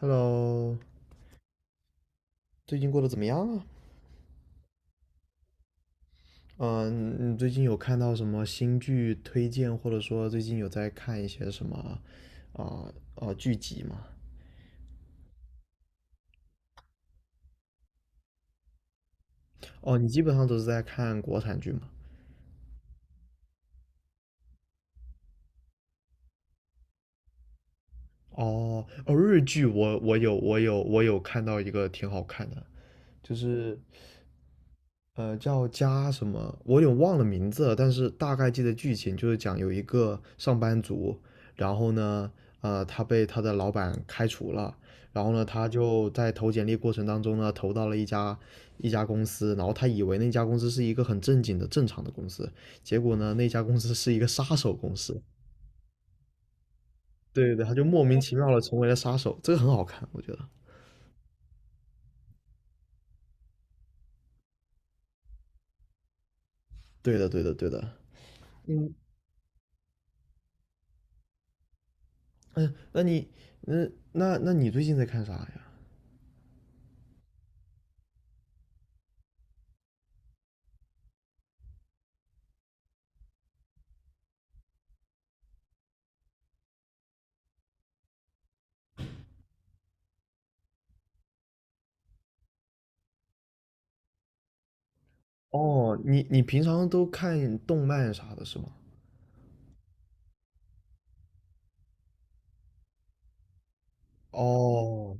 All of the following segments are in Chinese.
Hello,最近过得怎么样啊？嗯，你最近有看到什么新剧推荐，或者说最近有在看一些什么啊、剧集吗？哦，你基本上都是在看国产剧吗？哦哦，日剧我有看到一个挺好看的，就是叫加什么？我有点忘了名字了，但是大概记得剧情，就是讲有一个上班族，然后呢，他被他的老板开除了，然后呢，他就在投简历过程当中呢，投到了一家公司，然后他以为那家公司是一个很正经的正常的公司，结果呢，那家公司是一个杀手公司，对对对，他就莫名其妙的成为了杀手，这个很好看，我觉得。对的，对的，对的。嗯嗯，那那你最近在看啥呀？哦，你平常都看动漫啥的是吗？哦，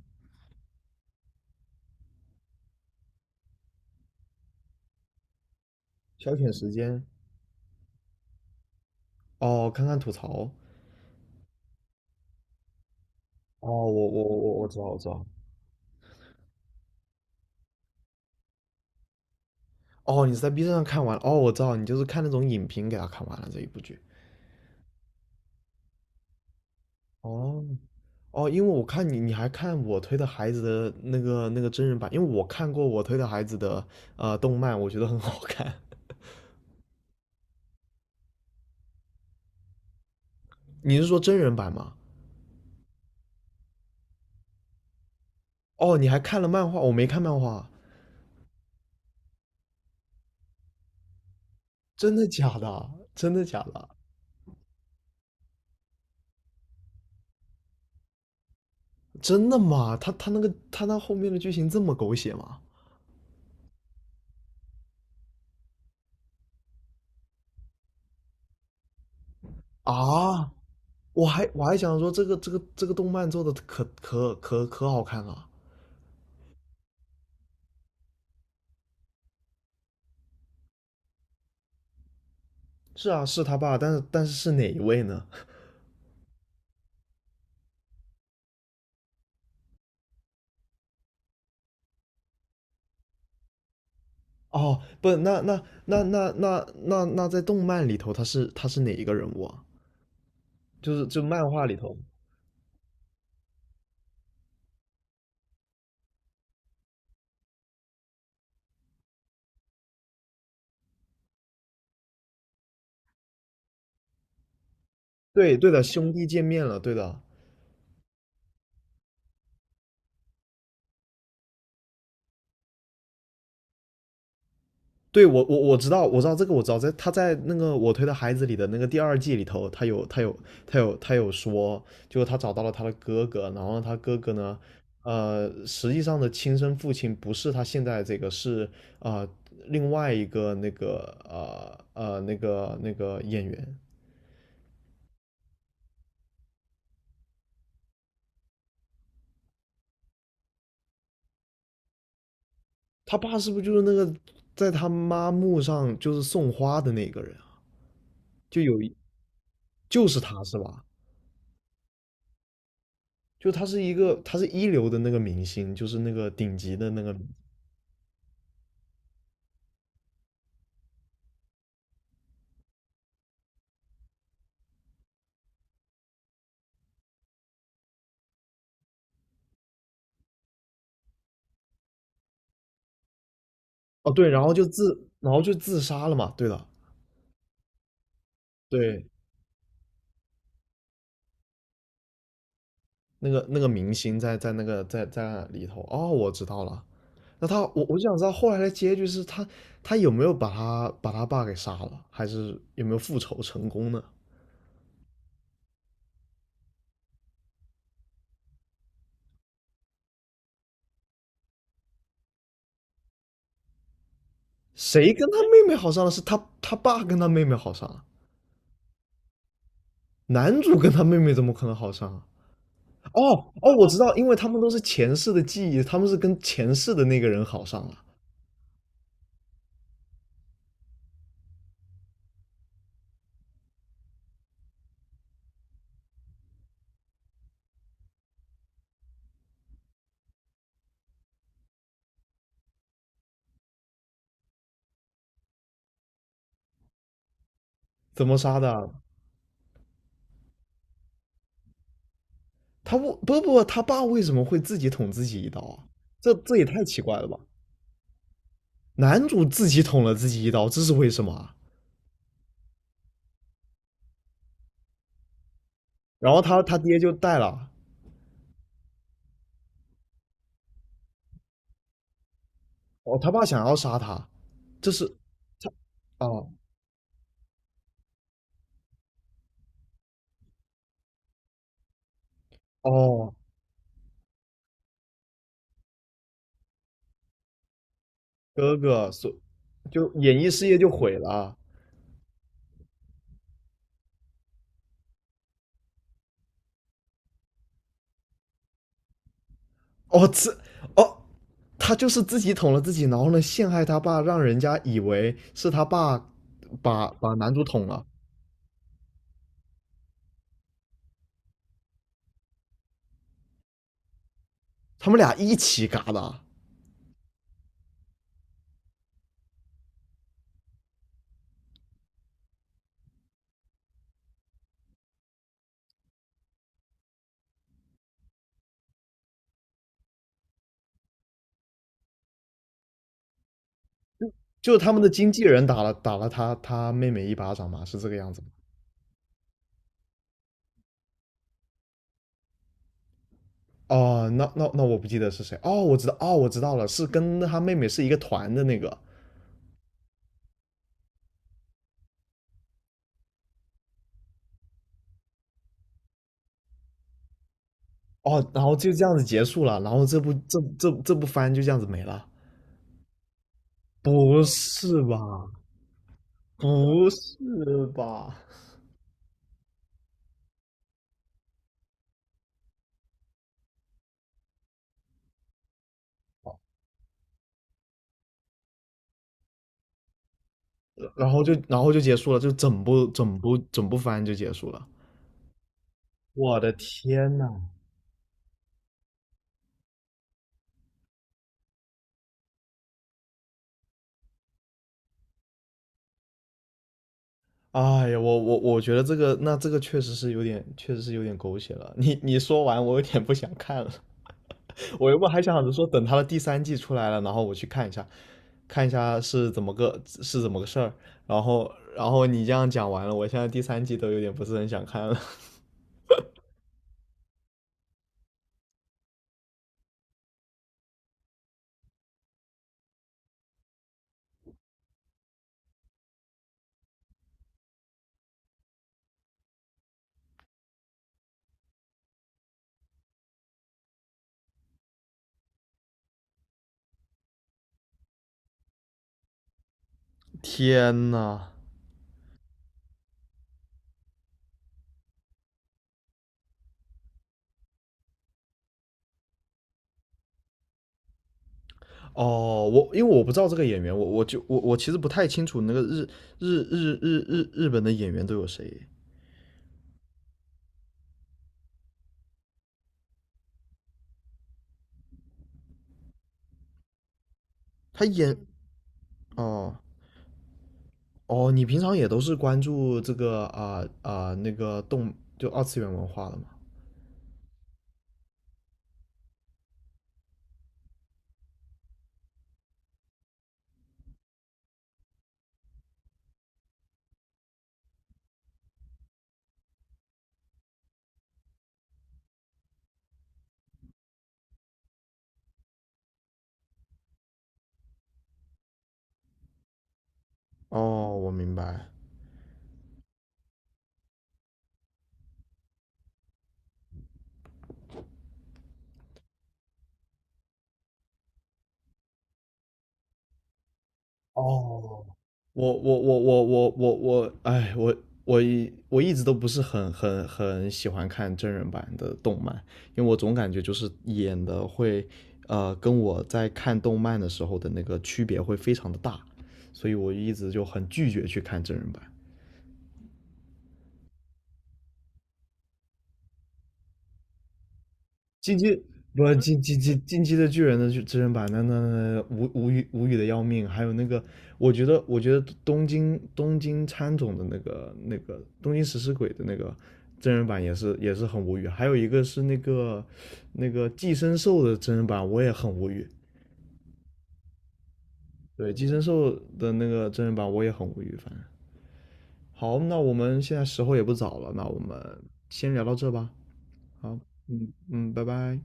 消遣时间，哦，看看吐槽，哦，我知道我知道，哦，你是在 B 站上看完了，哦，我知道，你就是看那种影评给他看完了这一部剧，哦哦，因为我看你还看我推的孩子的那个真人版，因为我看过我推的孩子的动漫，我觉得很好看。你是说真人版吗？哦，你还看了漫画，我没看漫画，真的假的？真的假的？真的吗？他那后面的剧情这么狗血吗？啊，我还想说这个动漫做的可好看了。是啊，是他爸，但是是哪一位呢？哦，不，那在动漫里头他是哪一个人物啊？就是就漫画里头，对的，兄弟见面了，对的，我知道我知道这个我知道在他在那个我推的孩子里的那个第二季里头，他有说，就他找到了他的哥哥，然后他哥哥呢，实际上的亲生父亲不是他现在这个是啊、呃另外一个那个那个演员，他爸是不是就是那个在他妈墓上就是送花的那个人啊？就有一就是他是吧？就他是一个他是一流的那个明星，就是那个顶级的那个哦，对，然后就自，然后就自杀了嘛。对的。对，那个明星在在那个在在里头。哦，我知道了。那他，我就想知道后来的结局是他，他有没有把他把他爸给杀了，还是有没有复仇成功呢？谁跟他妹妹好上了？是他爸跟他妹妹好上了，男主跟他妹妹怎么可能好上啊？哦哦，我知道，因为他们都是前世的记忆，他们是跟前世的那个人好上了。怎么杀的啊？他不不不，他爸为什么会自己捅自己一刀啊？这这也太奇怪了吧！男主自己捅了自己一刀，这是为什么啊？然后他他爹就带了，哦，他爸想要杀他，这是他啊哦哦，哥哥所就演艺事业就毁了啊。哦，这哦，他就是自己捅了自己，然后呢陷害他爸，让人家以为是他爸把把男主捅了，他们俩一起嘎的。就是他们的经纪人打了他妹妹一巴掌嘛，是这个样子吗？哦，那我不记得是谁。哦，我知道，哦，我知道了，是跟他妹妹是一个团的那个。哦，然后就这样子结束了，然后这部番就这样子没了。不是吧？不是吧？然后就然后就结束了，就整部番就结束了。我的天呐！哎呀，我觉得这个那这个确实是有点，确实是有点狗血了。你你说完，我有点不想看了。我原本还想着说，等他的第三季出来了，然后我去看一下，看一下是怎么个事儿。然后，然后你这样讲完了，我现在第三季都有点不是很想看了。天呐！哦，我因为我不知道这个演员，我我就我我其实不太清楚那个日本的演员都有谁。他演哦哦，你平常也都是关注这个那个就二次元文化的嘛？哦，我明白。哦，我，哎，我我一直都不是很喜欢看真人版的动漫，因为我总感觉就是演的会，跟我在看动漫的时候的那个区别会非常的大，所以我一直就很拒绝去看真人版。进击不进进进进击的巨人的真人版，那无语的要命。还有那个，我觉得东京喰种的那个东京食尸鬼的那个真人版也是很无语。还有一个是那个寄生兽的真人版，我也很无语。对，寄生兽的那个真人版我也很无语。反正好，那我们现在时候也不早了，那我们先聊到这吧。好，嗯嗯，拜拜。